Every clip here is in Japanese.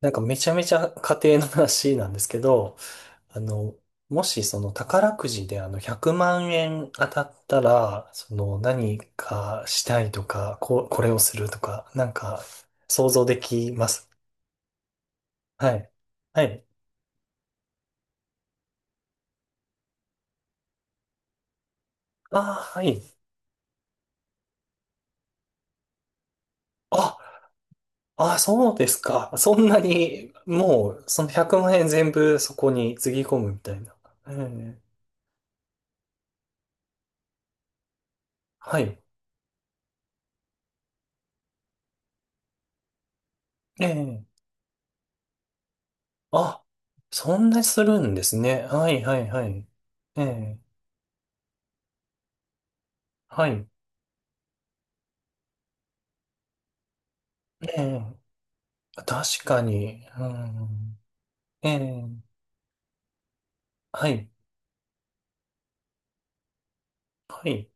なんかめちゃめちゃ家庭の話なんですけど、あの、もしその宝くじであの100万円当たったら、その何かしたいとか、これをするとか、なんか想像できます。はい。はい。ああ、はい。あ、あ、そうですか。そんなに、もうその100万円全部そこにつぎ込むみたいな。ええ、はい。ええ、あ、そんなするんですね。はい、はい、はい。ええ、はい。ええ、確かに。うん、ええ、はい。はい。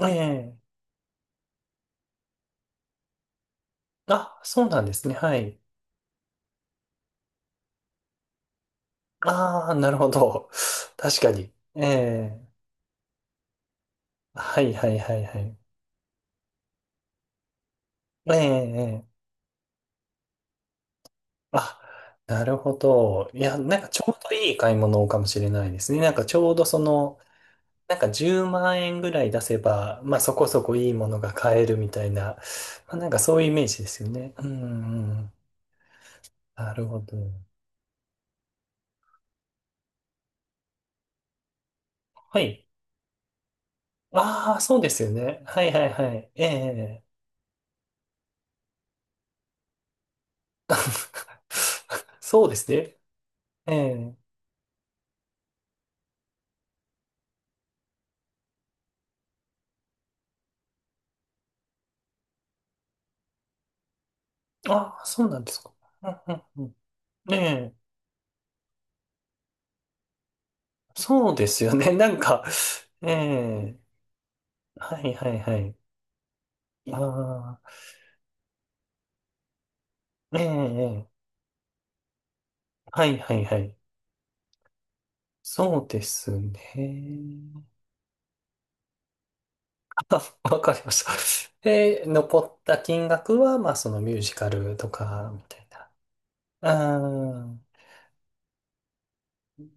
ええ、あ、そうなんですね。はい。ああ、なるほど。確かに。ええ、はいはいはいはい。ええ、ええ、あ、なるほど。いや、なんかちょうどいい買い物かもしれないですね。なんかちょうどその、なんか10万円ぐらい出せば、まあそこそこいいものが買えるみたいな、まあ、なんかそういうイメージですよね。うん、うん、なるほど。はい。ああ、そうですよね。はいはいはい。ええ。そうですね。ええ。ああ、そうなんですか。うんうんうん。ええ。そうですよね。なんか、ええ。はいはいはい。ああ、ええ。ええ、はいはいはい。そうですね。あ、わかりました。で、残った金額は、まあ、そのミュージカルとか、みたいな。うん。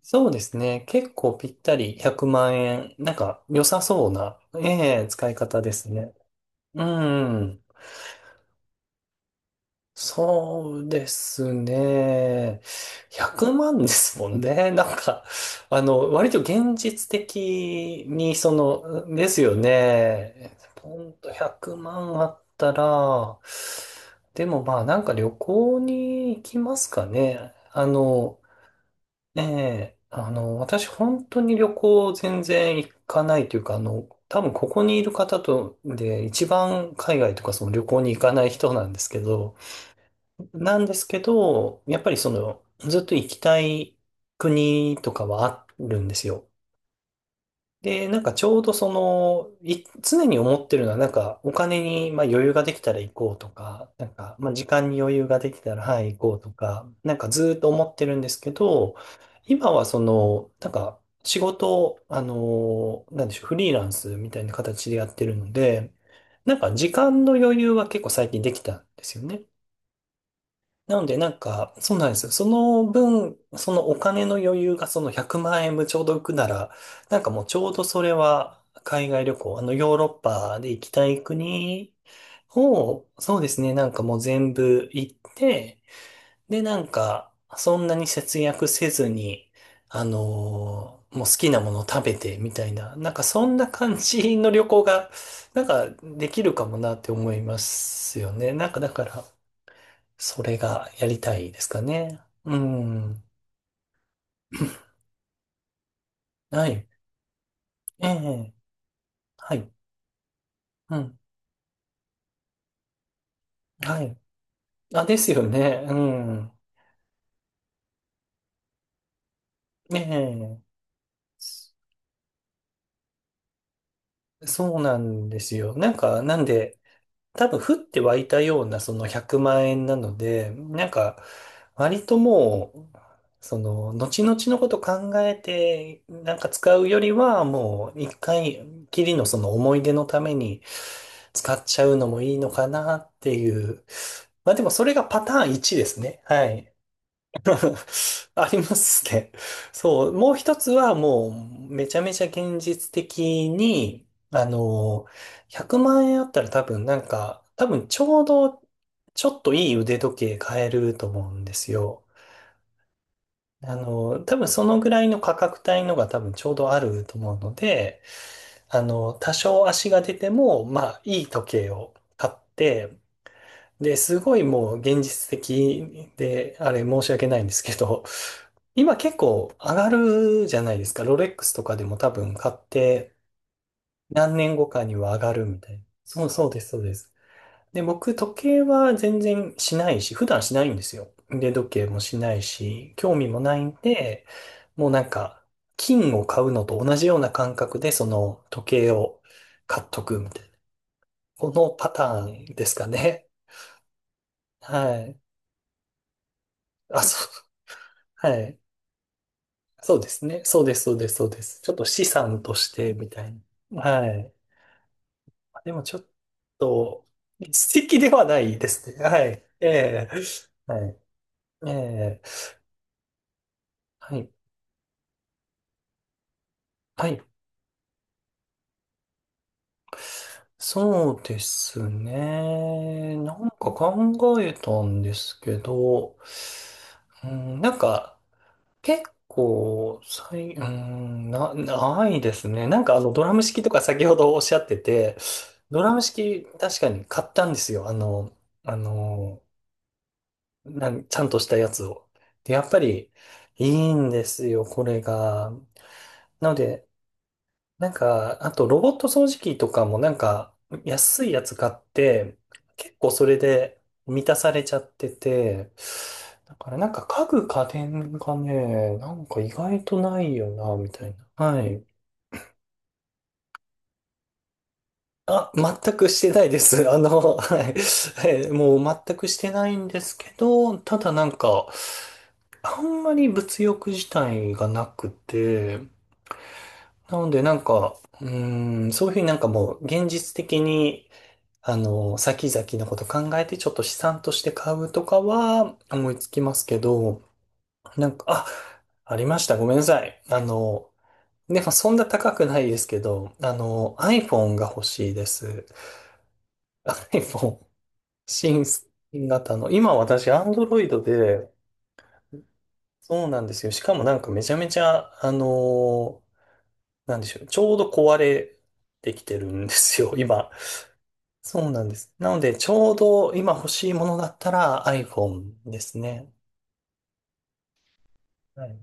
そうですね。結構ぴったり100万円。なんか良さそうな、ええ、使い方ですね。うん。そうですね。100万ですもんね。なんか、あの、割と現実的に、その、ですよね。ポンと100万あったら、でもまあなんか旅行に行きますかね。あの、ええ、あの、私本当に旅行全然行かないというか、あの、多分ここにいる方とで一番海外とかその旅行に行かない人なんですけど、なんですけど、やっぱりそのずっと行きたい国とかはあるんですよ。で、なんかちょうどその、常に思ってるのは、なんかお金にまあ余裕ができたら行こうとか、なんかまあ時間に余裕ができたら、はい、行こうとか、なんかずーっと思ってるんですけど、今はその、なんか仕事を、あのなんでしょう、フリーランスみたいな形でやってるので、なんか時間の余裕は結構最近できたんですよね。なので、なんか、そうなんですよ。その分、そのお金の余裕がその100万円分ちょうど浮くなら、なんかもうちょうどそれは海外旅行、あのヨーロッパで行きたい国を、そうですね、なんかもう全部行って、で、なんか、そんなに節約せずに、あのーもう好きなものを食べてみたいな、なんかそんな感じの旅行が、なんかできるかもなって思いますよね。なんかだから、それがやりたいですかね。うん。はい。ええ。はい。うん。はい。あ、ですよね。うん。ええ。そうなんですよ。なんか、なんで、多分降って湧いたようなその100万円なので、なんか割ともう、その後々のこと考えてなんか使うよりはもう一回きりのその思い出のために使っちゃうのもいいのかなっていう。まあでもそれがパターン1ですね。はい。ありますね。そう。もう一つはもうめちゃめちゃ現実的に、あの、100万円あったら多分なんか、多分ちょうどちょっといい腕時計買えると思うんですよ。あの、多分そのぐらいの価格帯のが多分ちょうどあると思うので、あの、多少足が出ても、まあいい時計を買って、で、すごいもう現実的で、あれ申し訳ないんですけど、今結構上がるじゃないですか。ロレックスとかでも多分買って何年後かには上がるみたいな。そうそうです、そうです。で、僕時計は全然しないし、普段しないんですよ。腕時計もしないし、興味もないんで、もうなんか金を買うのと同じような感覚でその時計を買っとくみたいな。このパターンですかね。はい。あ、そう。はい。そうですね。そうです、そうです、そうです。ちょっと資産としてみたいな。はい。でもちょっと、素敵ではないですね。はい。ええ、はい。ええ、はい。はい。そうですね。なんか考えたんですけど、うん、なんか、結構、最、うーん、ないですね。なんかあの、ドラム式とか先ほどおっしゃってて、ドラム式確かに買ったんですよ。あの、あの、ちゃんとしたやつを。で、やっぱりいいんですよ、これが。なので、なんか、あとロボット掃除機とかもなんか安いやつ買って、結構それで満たされちゃってて、だからなんか家具家電がね、なんか意外とないよな、みたいな。はい。あ、全くしてないです。あの、はい。もう全くしてないんですけど、ただなんか、あんまり物欲自体がなくて、なのでなんか、うーん、そういうふうになんかもう現実的にあの、先々のこと考えてちょっと資産として買うとかは思いつきますけど、なんか、あ、ありました。ごめんなさい。あの、でもそんな高くないですけど、あの、iPhone が欲しいです。iPhone 新型の。今私、Android で、そうなんですよ。しかもなんかめちゃめちゃ、あのなんでしょう。ちょうど壊れてきてるんですよ、今。そうなんです。なので、ちょうど今欲しいものだったら iPhone ですね。はい。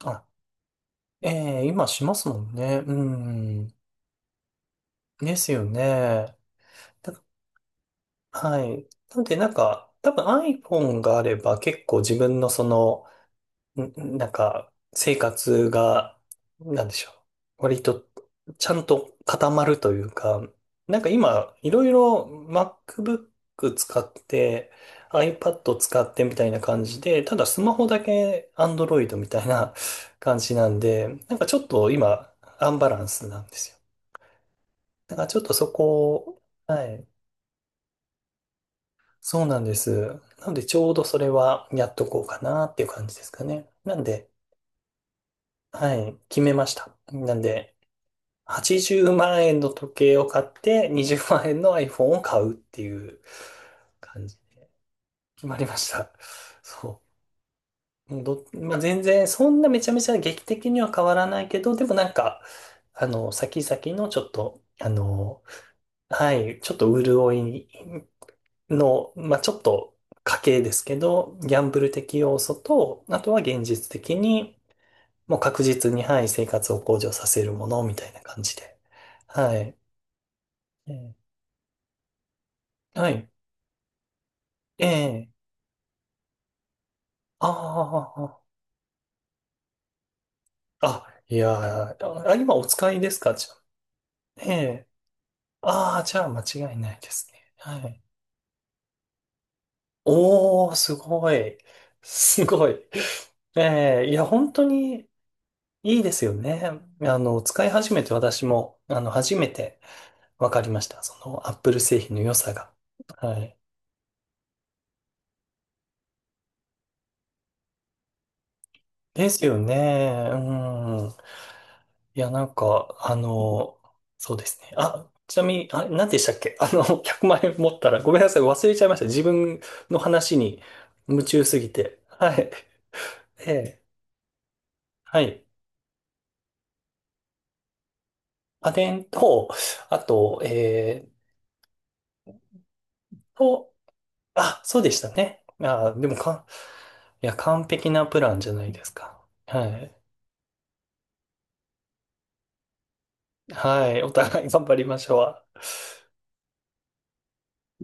あ、ええ、今しますもんね。うん。ですよね。だはい。なので、なんか、多分 iPhone があれば結構自分のその、んなんか、生活が、なんでしょう。割と、ちゃんと固まるというか、なんか今、いろいろ MacBook 使って、iPad 使ってみたいな感じで、ただスマホだけ Android みたいな 感じなんで、なんかちょっと今、アンバランスなんですよ。だからちょっとそこを、はい。そうなんです。なので、ちょうどそれはやっとこうかなっていう感じですかね。なんで、はい、決めました。なんで、80万円の時計を買って、20万円の iPhone を買うっていう感じで決まりました。そう。もうまあ、全然、そんなめちゃめちゃ劇的には変わらないけど、でもなんか、あの、先々のちょっと、あの、はい、ちょっと潤いの、まあ、ちょっと家計ですけど、ギャンブル的要素と、あとは現実的に、もう確実に、はい、生活を向上させるものみたいな感じで。はい。ええ、はい。ええ。ああ、あ、いやー、あ、今お使いですか、じゃあ。ええ。ああ、じゃあ間違いないですね。はい。おー、すごい。すごい。ええ、いや、本当にいいですよね。あの、使い始めて私も、あの、初めて分かりました。その、アップル製品の良さが。はい。ですよね。うん。いや、なんか、あの、そうですね。あ、ちなみに、あ、何でしたっけ あの、100万円持ったら、ごめんなさい、忘れちゃいました。自分の話に夢中すぎて。はい。ええ、はい。家電と、あと、と、あ、そうでしたね。あ、でもか、いや、完璧なプランじゃないですか。はい。はい。お互い頑張りましょう。